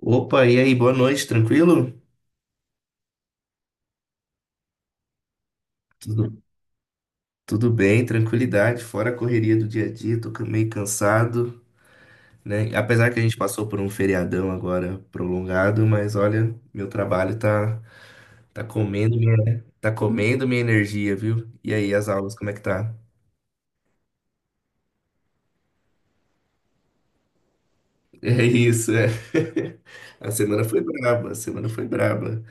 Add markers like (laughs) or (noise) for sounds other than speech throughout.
Opa, e aí, boa noite, tranquilo? Tudo, tudo bem, tranquilidade, fora a correria do dia a dia, tô meio cansado, né? Apesar que a gente passou por um feriadão agora prolongado, mas olha, meu trabalho tá comendo minha, tá comendo minha energia, viu? E aí, as aulas, como é que tá? (laughs) É isso, é. (laughs) A semana foi braba.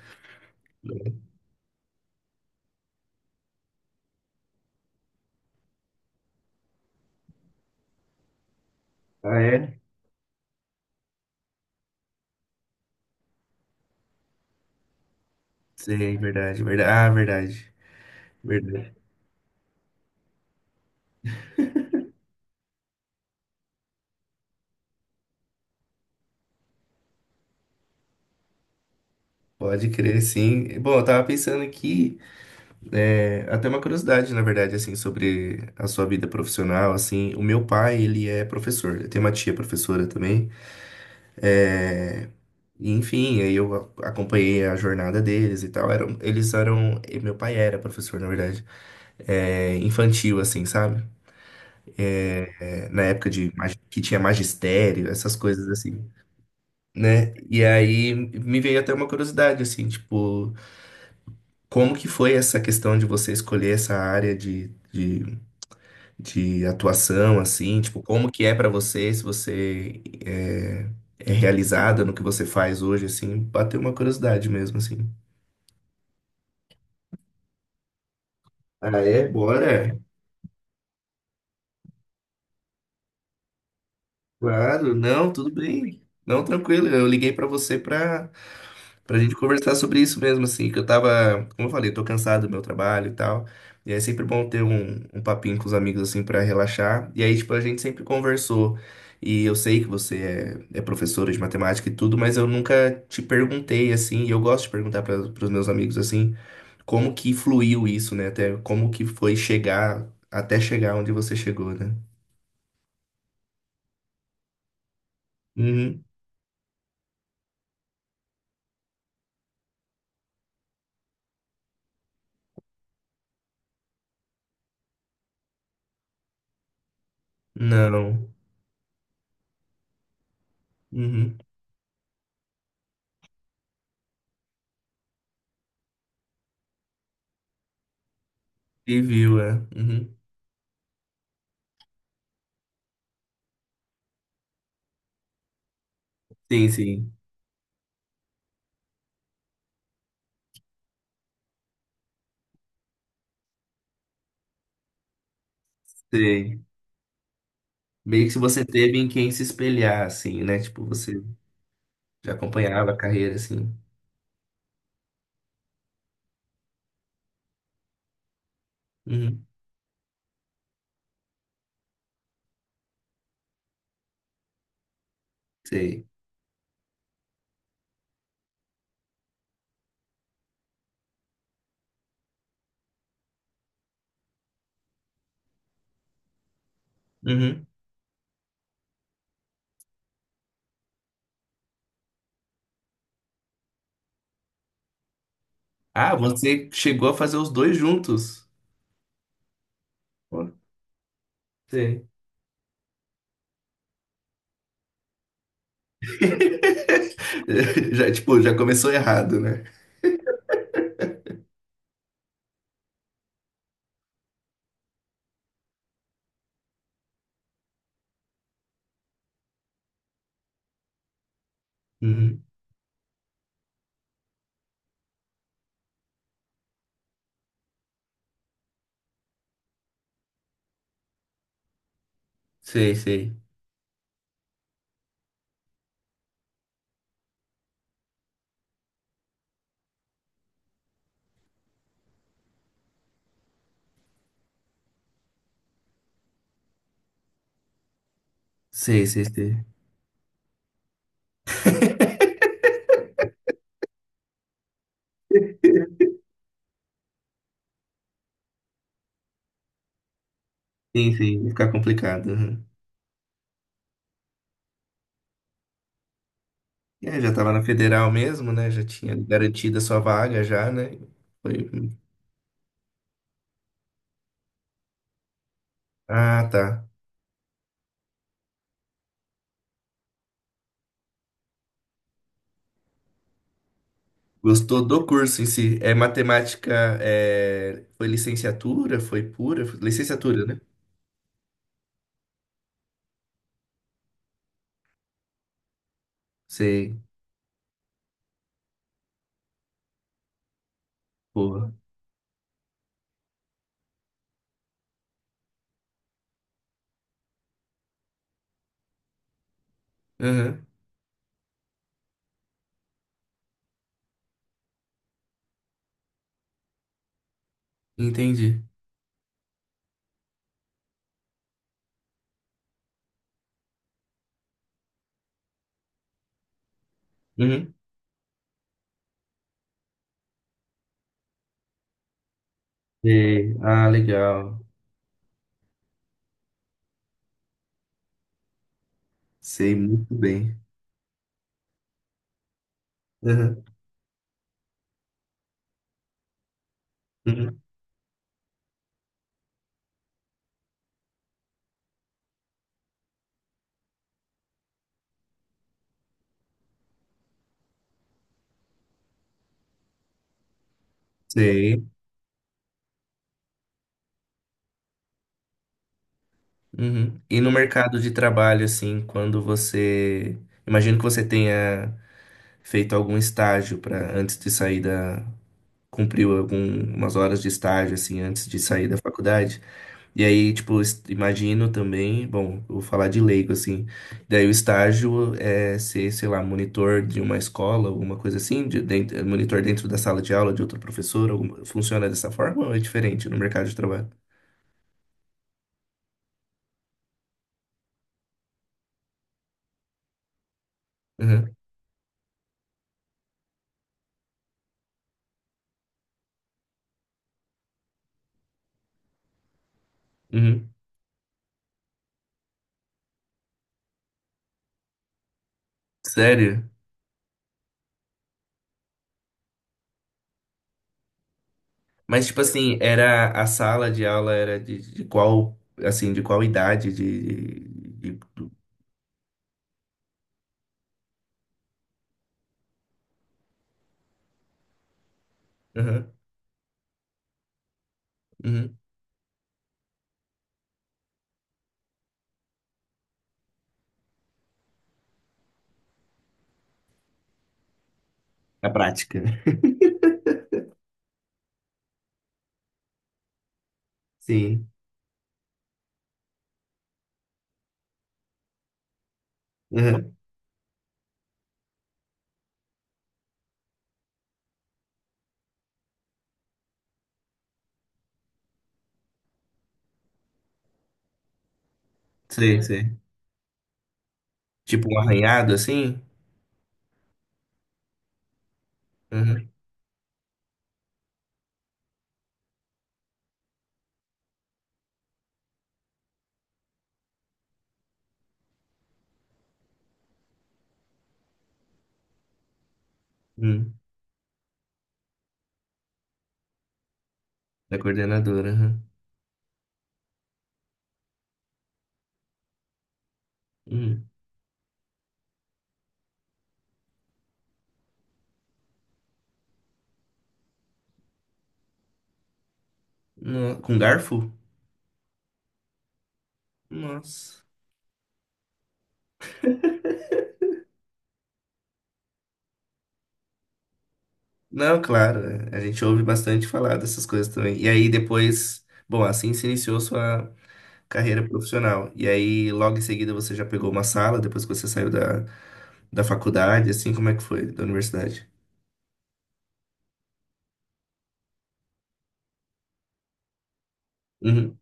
Ah, é? Sei, verdade, verdade. Ah, verdade, verdade. Pode crer, sim. Bom, eu tava pensando aqui. É, até uma curiosidade, na verdade, assim, sobre a sua vida profissional, assim, o meu pai, ele é professor, eu tenho uma tia professora também, é, e, enfim, aí eu acompanhei a jornada deles e tal, eram, eles eram, e meu pai era professor, na verdade, é, infantil, assim, sabe? É, na época de, que tinha magistério, essas coisas assim, né? E aí me veio até uma curiosidade, assim, tipo, como que foi essa questão de você escolher essa área de atuação, assim, tipo, como que é pra você, se você é realizada no que você faz hoje, assim, bateu uma curiosidade mesmo, assim. Ah, é? Bora? Claro, não, tudo bem. Não, tranquilo, eu liguei pra você pra gente conversar sobre isso mesmo, assim, que eu tava, como eu falei, tô cansado do meu trabalho e tal. E é sempre bom ter um papinho com os amigos, assim, pra relaxar. E aí, tipo, a gente sempre conversou. E eu sei que você é professora de matemática e tudo, mas eu nunca te perguntei, assim, e eu gosto de perguntar para os meus amigos, assim, como que fluiu isso, né? Até como que foi chegar onde você chegou, né? Uhum. Não. Uhum. E viu, é. Uhum. Sim, sim. Sei. Meio que se você teve em quem se espelhar, assim, né? Tipo, você já acompanhava a carreira, assim. Uhum, sei. Uhum. Ah, você chegou a fazer os dois juntos. Pô, sei. (laughs) Já, tipo, já começou errado, né? Uhum. Sei, sei. Sei, sei, sei. (laughs) Sim, sim, ia ficar complicado. Uhum. É, já tava na federal mesmo, né? Já tinha garantido a sua vaga já, né? Foi. Ah, tá. Gostou do curso em si? É matemática, é... foi licenciatura? Foi pura? Licenciatura, né? Sei. Boa. Aham. Entendi. Uhum. Sei. Ah, legal. Sei muito bem. Aham, uhum, sei. Uhum. E no mercado de trabalho, assim, quando você. Imagino que você tenha feito algum estágio para antes de sair da. Cumpriu algumas horas de estágio, assim, antes de sair da faculdade. E aí, tipo, imagino também, bom, eu vou falar de leigo, assim. Daí o estágio é ser, sei lá, monitor de uma escola, alguma coisa assim, de, monitor dentro da sala de aula de outro professor, funciona dessa forma ou é diferente no mercado de trabalho? Uhum. Uhum. Sério? Mas, tipo assim, era a sala de aula era de qual, assim, de qual idade, de... de, de- Uhum. Uhum. A prática. (laughs) Sim. Uhum. Sei, sei. Tipo um arranhado, assim? Uhum. Hum. Da coordenadora, aham. Hum. Com garfo? Nossa. Não, claro, é, a gente ouve bastante falar dessas coisas também. E aí depois, bom, assim se iniciou sua carreira profissional. E aí logo em seguida você já pegou uma sala, depois que você saiu da faculdade, assim, como é que foi? Da universidade? Uhum.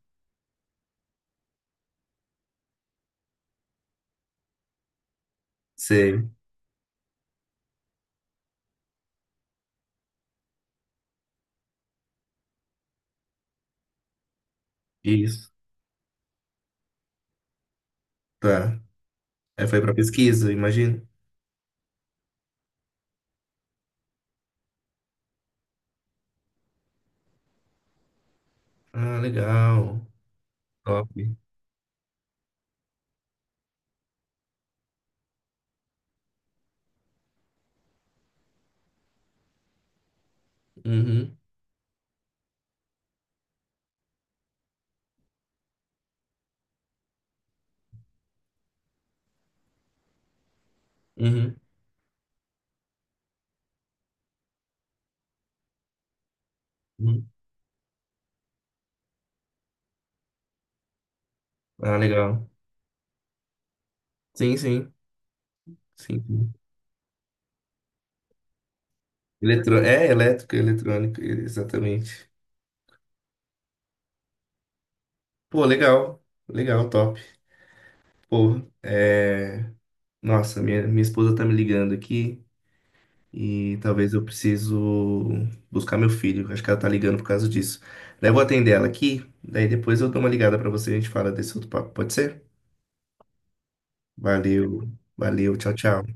Sei. Isso. Tá. Aí foi pra pesquisa, imagino. Ah, legal. Top. Uhum. Uhum. Uhum. Ah, legal. Sim, sim. Sim. Eletro... É, elétrica, eletrônica, exatamente. Pô, legal, legal, top. Pô, é... Nossa, minha esposa tá me ligando aqui e talvez eu preciso buscar meu filho. Acho que ela tá ligando por causa disso. Daí eu vou atender ela aqui, daí depois eu dou uma ligada pra você e a gente fala desse outro papo, pode ser? Valeu, valeu, tchau, tchau.